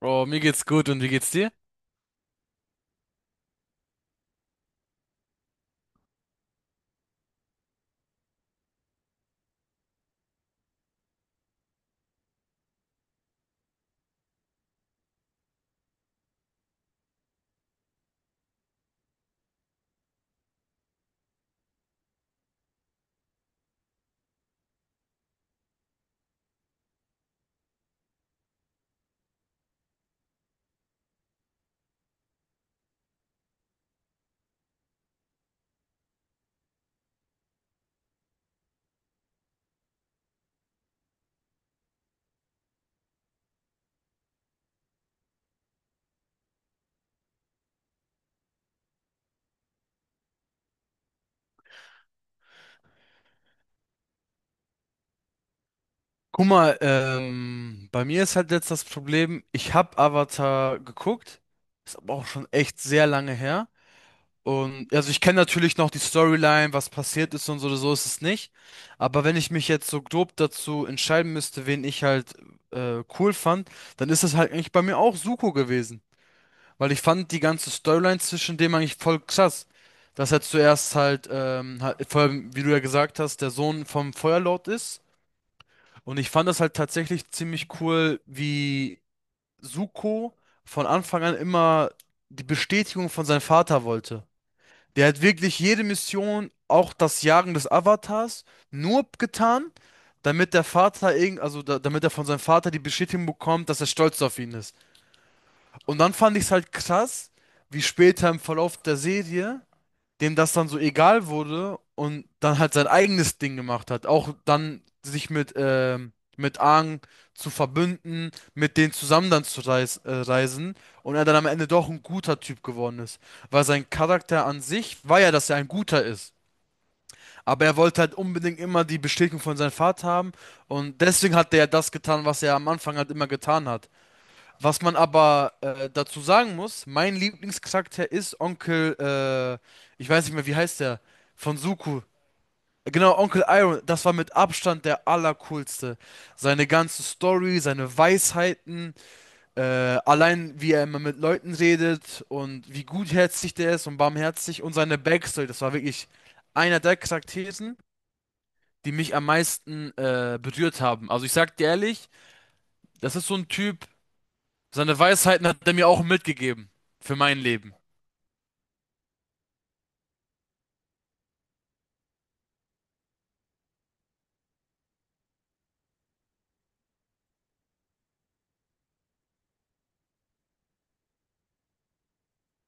Oh, mir geht's gut, und wie geht's dir? Guck mal, bei mir ist halt jetzt das Problem, ich habe Avatar geguckt, ist aber auch schon echt sehr lange her. Und also ich kenne natürlich noch die Storyline, was passiert ist und so, so ist es nicht. Aber wenn ich mich jetzt so grob dazu entscheiden müsste, wen ich halt cool fand, dann ist es halt eigentlich bei mir auch Zuko gewesen. Weil ich fand die ganze Storyline zwischen dem eigentlich voll krass. Dass er zuerst halt, vor allem, wie du ja gesagt hast, der Sohn vom Feuerlord ist. Und ich fand das halt tatsächlich ziemlich cool, wie Zuko von Anfang an immer die Bestätigung von seinem Vater wollte. Der hat wirklich jede Mission, auch das Jagen des Avatars, nur getan, damit der Vater irgend, also da, damit er von seinem Vater die Bestätigung bekommt, dass er stolz auf ihn ist. Und dann fand ich es halt krass, wie später im Verlauf der Serie dem das dann so egal wurde und dann halt sein eigenes Ding gemacht hat. Auch dann sich mit Aang zu verbünden, mit denen zusammen dann zu reis reisen und er dann am Ende doch ein guter Typ geworden ist. Weil sein Charakter an sich war ja, dass er ein guter ist. Aber er wollte halt unbedingt immer die Bestätigung von seinem Vater haben, und deswegen hat er ja das getan, was er am Anfang halt immer getan hat. Was man aber dazu sagen muss, mein Lieblingscharakter ist ich weiß nicht mehr, wie heißt der, von Zuko. Genau, Onkel Iroh, das war mit Abstand der allercoolste. Seine ganze Story, seine Weisheiten, allein wie er immer mit Leuten redet und wie gutherzig der ist und barmherzig und seine Backstory, das war wirklich einer der Charakteren, die mich am meisten berührt haben. Also ich sag dir ehrlich, das ist so ein Typ. Seine Weisheiten hat er mir auch mitgegeben. Für mein Leben.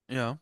Ja.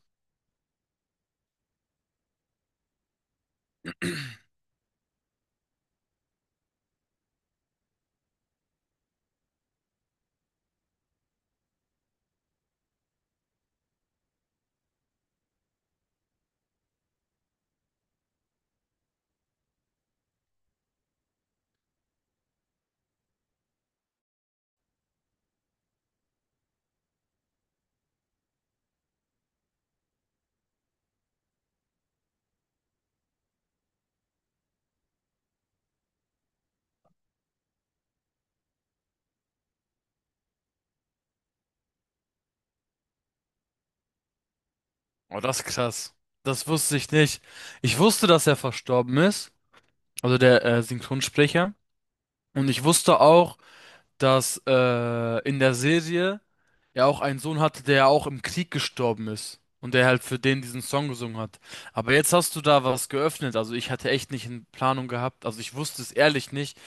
Oh, das ist krass. Das wusste ich nicht. Ich wusste, dass er verstorben ist, also der Synchronsprecher. Und ich wusste auch, dass in der Serie er auch einen Sohn hatte, der auch im Krieg gestorben ist. Und der halt für den diesen Song gesungen hat. Aber jetzt hast du da was geöffnet. Also ich hatte echt nicht in Planung gehabt. Also ich wusste es ehrlich nicht,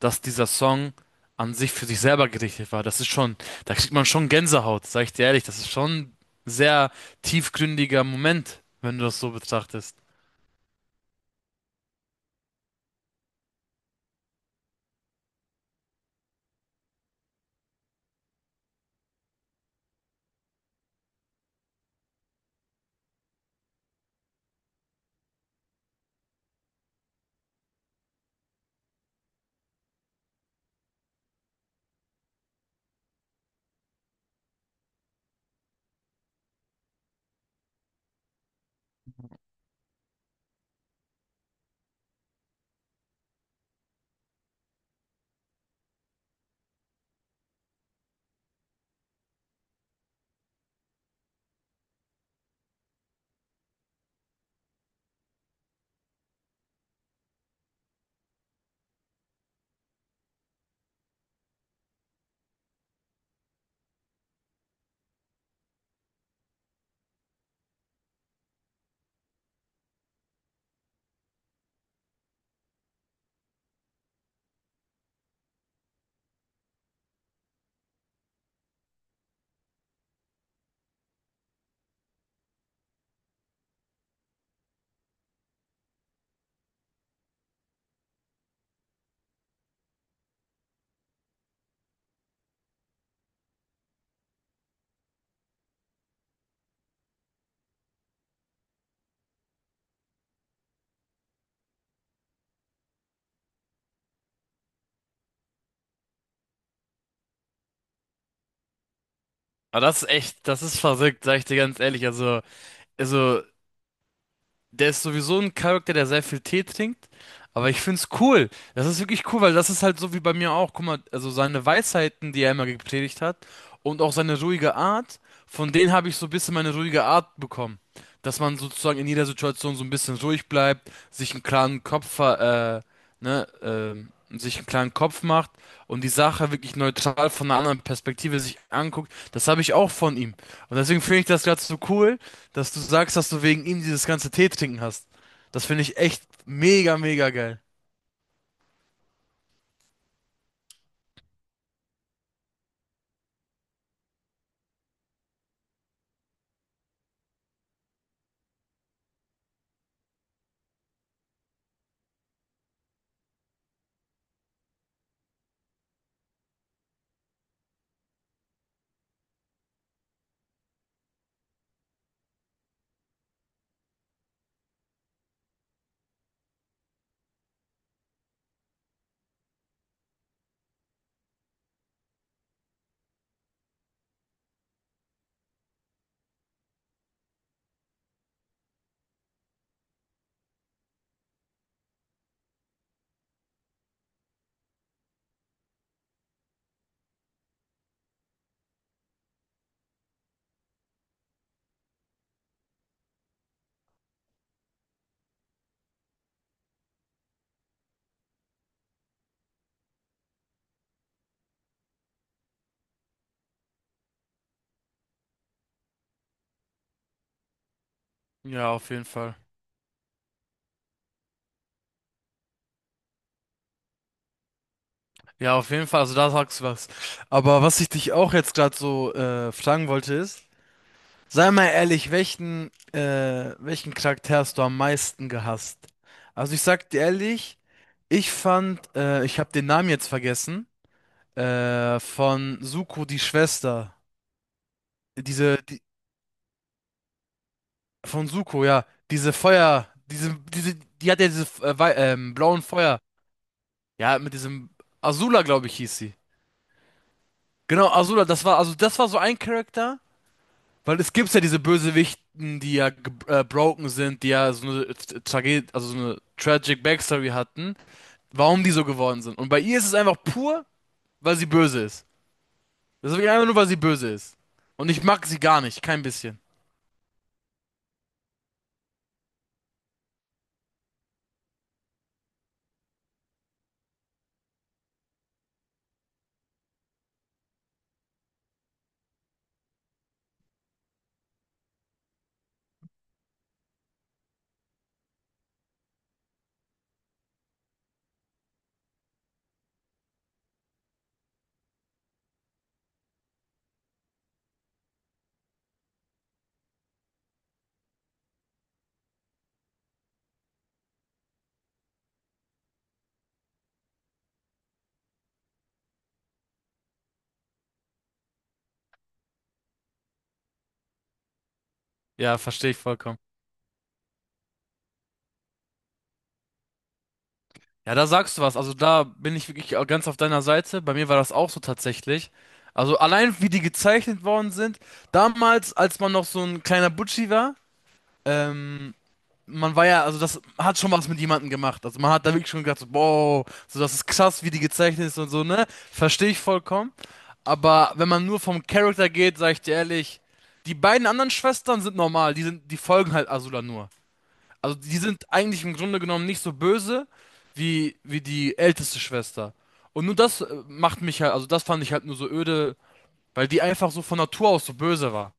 dass dieser Song an sich für sich selber gerichtet war. Das ist schon, da kriegt man schon Gänsehaut, sag ich dir ehrlich. Das ist schon ein sehr tiefgründiger Moment, wenn du das so betrachtest. Aber das ist echt, das ist verrückt, sag ich dir ganz ehrlich. Also, der ist sowieso ein Charakter, der sehr viel Tee trinkt. Aber ich find's cool. Das ist wirklich cool, weil das ist halt so wie bei mir auch. Guck mal, also seine Weisheiten, die er immer gepredigt hat, und auch seine ruhige Art, von denen habe ich so ein bisschen meine ruhige Art bekommen. Dass man sozusagen in jeder Situation so ein bisschen ruhig bleibt, sich einen klaren sich einen klaren Kopf macht und die Sache wirklich neutral von einer anderen Perspektive sich anguckt. Das habe ich auch von ihm. Und deswegen finde ich das gerade so cool, dass du sagst, dass du wegen ihm dieses ganze Tee trinken hast. Das finde ich echt mega, mega geil. Ja, auf jeden Fall. Ja, auf jeden Fall. Also da sagst du was. Aber was ich dich auch jetzt gerade so fragen wollte ist, sei mal ehrlich, welchen Charakter hast du am meisten gehasst? Also ich sag dir ehrlich, ich habe den Namen jetzt vergessen, von Suko die Schwester. Diese, die, Von Zuko, ja. Diese Feuer, die hat ja diese blauen Feuer. Ja, mit diesem Azula, glaube ich, hieß sie. Genau, Azula, das war, also das war so ein Charakter, weil es gibt ja diese Bösewichten, die ja broken sind, die ja so eine Tragedie, also so eine tragic Backstory hatten, warum die so geworden sind. Und bei ihr ist es einfach pur, weil sie böse ist. Das ist wirklich einfach nur, weil sie böse ist. Und ich mag sie gar nicht, kein bisschen. Ja, verstehe ich vollkommen. Ja, da sagst du was. Also da bin ich wirklich auch ganz auf deiner Seite. Bei mir war das auch so tatsächlich. Also allein wie die gezeichnet worden sind. Damals, als man noch so ein kleiner Butschi war, ähm, man war ja, also das hat schon was mit jemandem gemacht. Also man hat da wirklich schon gedacht, so, wow, so das ist krass, wie die gezeichnet ist und so, ne? Verstehe ich vollkommen. Aber wenn man nur vom Charakter geht, sag ich dir ehrlich, die beiden anderen Schwestern sind normal. Die folgen halt Azula nur. Also die sind eigentlich im Grunde genommen nicht so böse wie die älteste Schwester. Und nur das macht mich halt, also das fand ich halt nur so öde, weil die einfach so von Natur aus so böse war.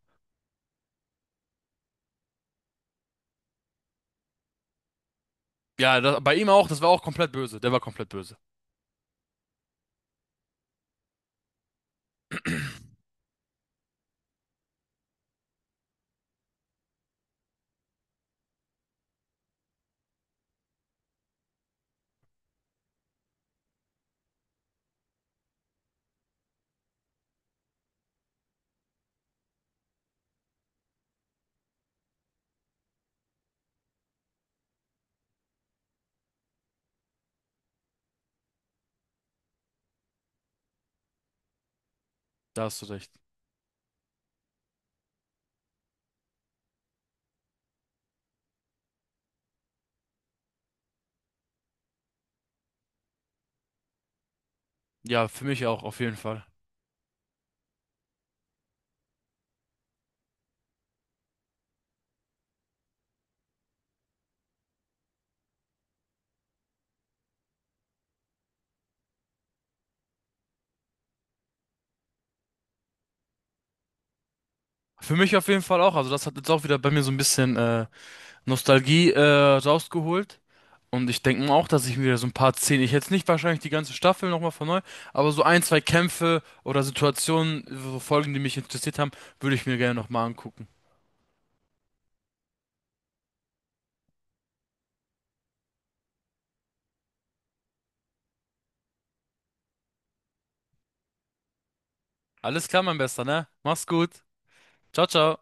Ja, da, bei ihm auch, das war auch komplett böse. Der war komplett böse. Da hast du recht. Ja, für mich auch, auf jeden Fall. Für mich auf jeden Fall auch. Also das hat jetzt auch wieder bei mir so ein bisschen Nostalgie rausgeholt. Und ich denke auch, dass ich wieder so ein paar Szenen, ich jetzt nicht wahrscheinlich die ganze Staffel nochmal von neu, aber so ein, zwei Kämpfe oder Situationen, so Folgen, die mich interessiert haben, würde ich mir gerne nochmal angucken. Alles klar, mein Bester, ne? Mach's gut. Ciao, ciao.